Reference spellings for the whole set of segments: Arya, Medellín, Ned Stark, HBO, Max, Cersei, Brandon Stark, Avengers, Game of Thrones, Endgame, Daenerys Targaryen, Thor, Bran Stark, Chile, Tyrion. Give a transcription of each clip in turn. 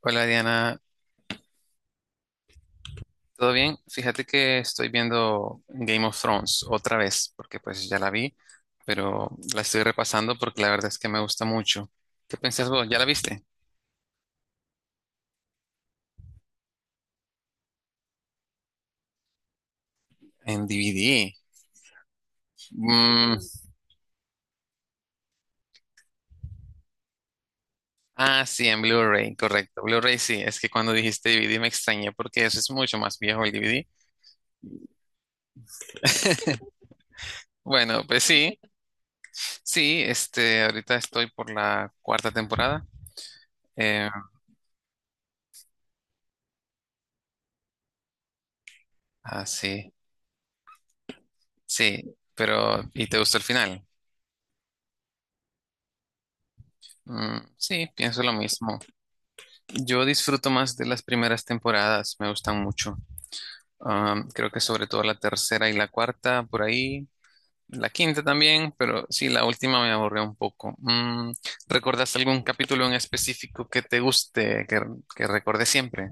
Hola Diana, ¿todo bien? Fíjate que estoy viendo Game of Thrones otra vez, porque pues ya la vi, pero la estoy repasando porque la verdad es que me gusta mucho. ¿Qué pensás vos? ¿Ya la viste? En DVD. Mm, ah, sí, en Blu-ray, correcto. Blu-ray sí, es que cuando dijiste DVD me extrañé porque eso es mucho más viejo el DVD. Bueno, pues sí, sí, ahorita estoy por la cuarta temporada. Eh, ah, sí, sí, pero ¿y te gustó el final? Mm, sí, pienso lo mismo. Yo disfruto más de las primeras temporadas, me gustan mucho. Creo que sobre todo la tercera y la cuarta, por ahí. La quinta también, pero sí, la última me aburrió un poco. Mm, ¿recordas algún capítulo en específico que te guste, que recuerde siempre?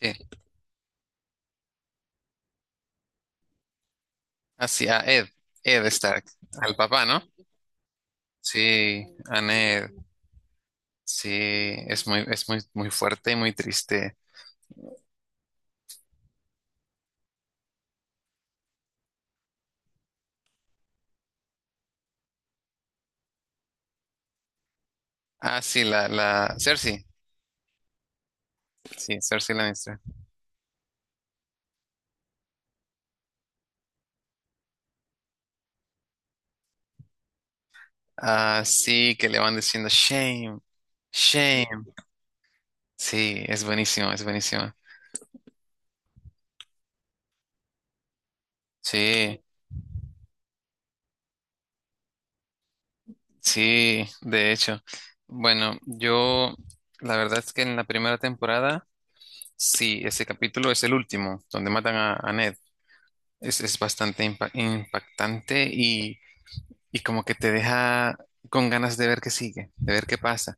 Sí, hacia Ed, Ed Stark, al papá, ¿no? Sí, a Ned. Sí, es muy, muy fuerte y muy triste. Ah, sí, la Cersei. Sí, Cersei la. Ah, sí, que le van diciendo shame, shame. Sí, es buenísimo. Sí, sí, de hecho. Bueno, yo, la verdad es que en la primera temporada, sí, ese capítulo es el último, donde matan a Ned. Es bastante impactante y como que te deja con ganas de ver qué sigue, de ver qué pasa.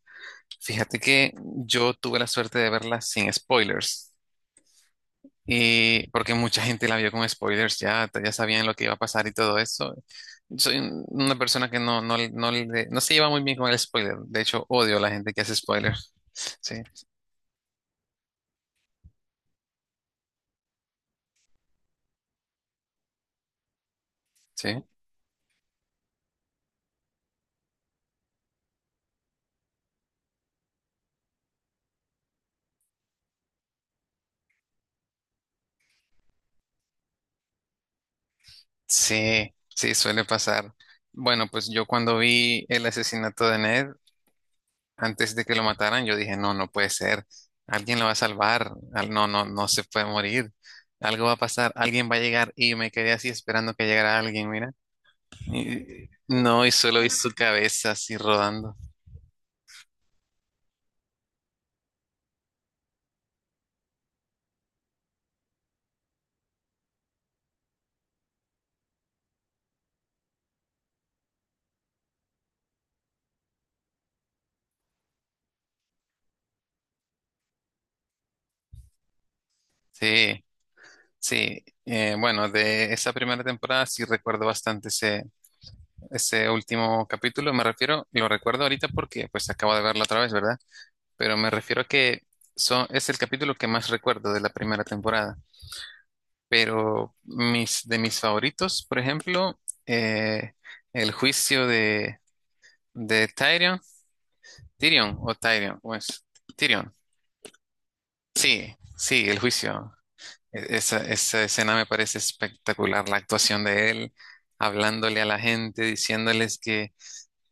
Fíjate que yo tuve la suerte de verla sin spoilers. Y porque mucha gente la vio con spoilers, ya sabían lo que iba a pasar y todo eso. Una persona que no se lleva muy bien con el spoiler. De hecho, odio a la gente que hace spoilers. Sí, sí, sí, sí, suele pasar. Bueno, pues yo cuando vi el asesinato de Ned, antes de que lo mataran, yo dije, no, no puede ser. Alguien lo va a salvar. No, no se puede morir. Algo va a pasar. Alguien va a llegar. Y me quedé así esperando que llegara alguien, mira. No, y solo vi su cabeza así rodando. Sí, sí. Bueno, de esa primera temporada sí recuerdo bastante ese último capítulo. Me refiero, lo recuerdo ahorita porque pues acabo de verlo otra vez, ¿verdad? Pero me refiero a que son, es el capítulo que más recuerdo de la primera temporada. Pero de mis favoritos, por ejemplo, eh, el juicio de Tyrion, Tyrion o Tyrion, pues Tyrion. Sí, sí, el juicio. Esa escena me parece espectacular, la actuación de él hablándole a la gente, diciéndoles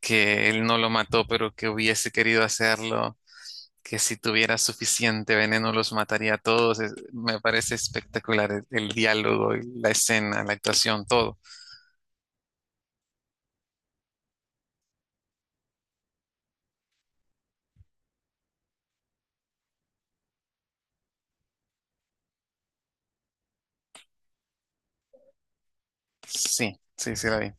que él no lo mató, pero que hubiese querido hacerlo, que si tuviera suficiente veneno los mataría a todos. Me parece espectacular el diálogo, la escena, la actuación, todo. Sí, sí, sí la vi.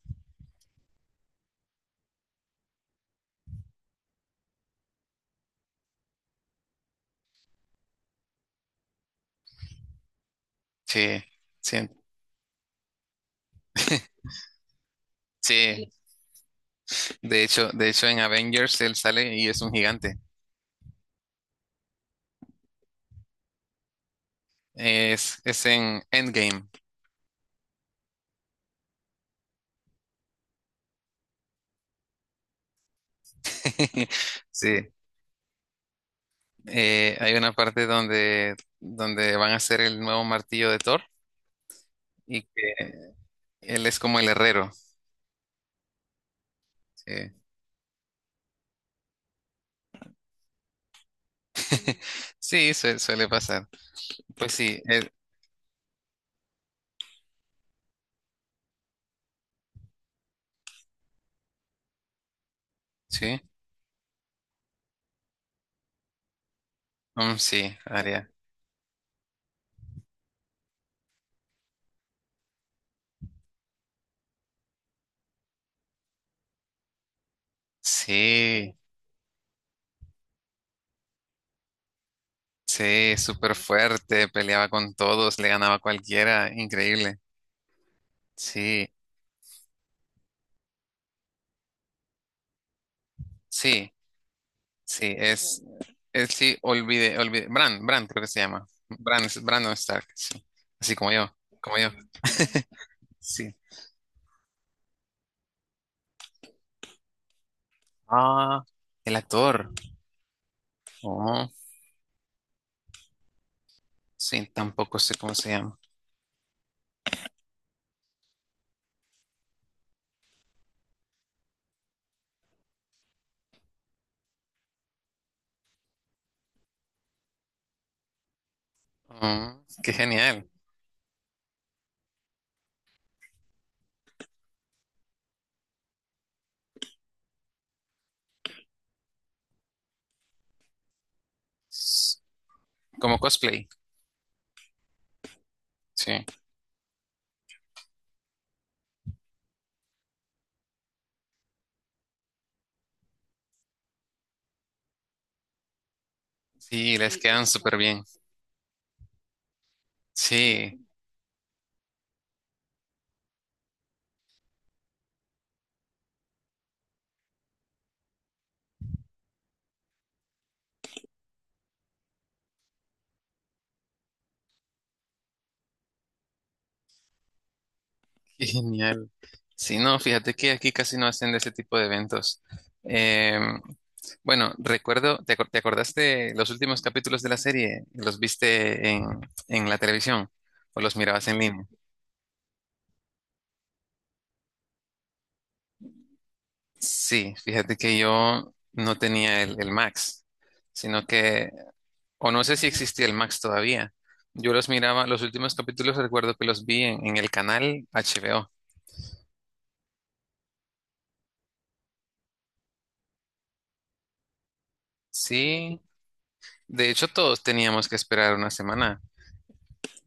Sí, sí, sí. De hecho en Avengers él sale y es un gigante. Es en Endgame. Sí. Eh, hay una parte donde van a hacer el nuevo martillo de Thor y que él es como el herrero. Sí, Sí, suele pasar. Pues sí, sí, mm, sí, Arya. Sí, sí, súper fuerte, peleaba con todos, le ganaba a cualquiera, increíble. Sí, sí, sí, es sí, olvide, Bran creo que se llama. Bran, Brandon Stark, sí, así como yo, como yo. Sí. Ah, el actor. Oh, sí, tampoco sé cómo se llama. Oh, qué genial. Como cosplay. Sí, sí, les Sí, quedan como súper bien. Sí, qué genial. Sí, no, fíjate que aquí casi no hacen de ese tipo de eventos. Em, bueno, recuerdo, ¿ te acordaste los últimos capítulos de la serie? ¿Los viste en la televisión o los mirabas en línea? Sí, fíjate que yo no tenía el Max, sino que. O no sé si existía el Max todavía. Yo los miraba, los últimos capítulos recuerdo que los vi en el canal HBO. Sí, de hecho todos teníamos que esperar una semana.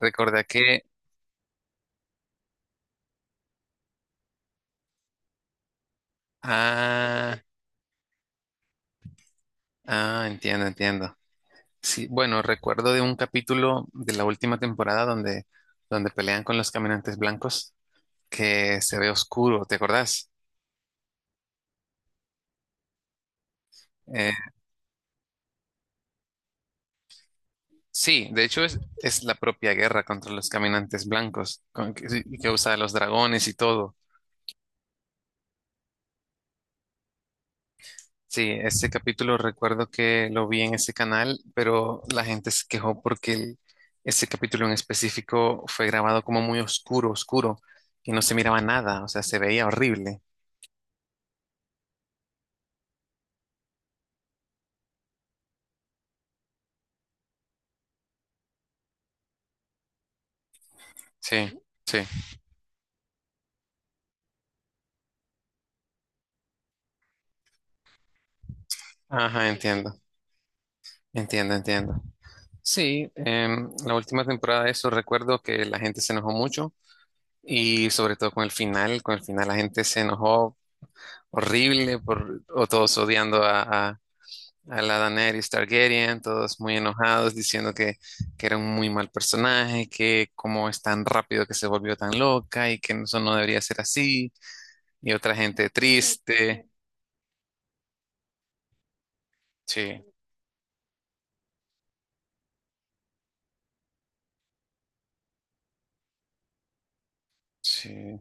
Recordé que... Ah, ah, entiendo, entiendo. Sí, bueno, recuerdo de un capítulo de la última temporada donde pelean con los caminantes blancos que se ve oscuro, ¿te acordás? Eh, sí, de hecho es la propia guerra contra los caminantes blancos que usa los dragones y todo. Sí, ese capítulo recuerdo que lo vi en ese canal, pero la gente se quejó porque ese capítulo en específico fue grabado como muy oscuro, oscuro, y no se miraba nada, o sea, se veía horrible. Sí, sí. Ajá, entiendo, entiendo, entiendo. Sí, em, la última temporada de eso recuerdo que la gente se enojó mucho y sobre todo con el final la gente se enojó horrible por, o todos odiando a la Daenerys Targaryen, todos muy enojados, diciendo que era un muy mal personaje, que cómo es tan rápido que se volvió tan loca y que eso no debería ser así, y otra gente triste. Sí, sí,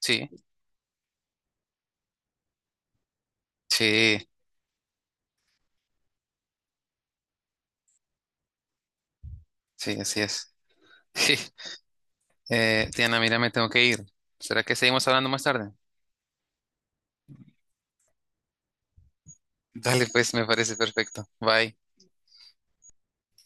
sí, sí, sí, así es. Diana, mira, me tengo que ir. ¿Será que seguimos hablando más tarde? Dale, pues, me parece perfecto. Bye.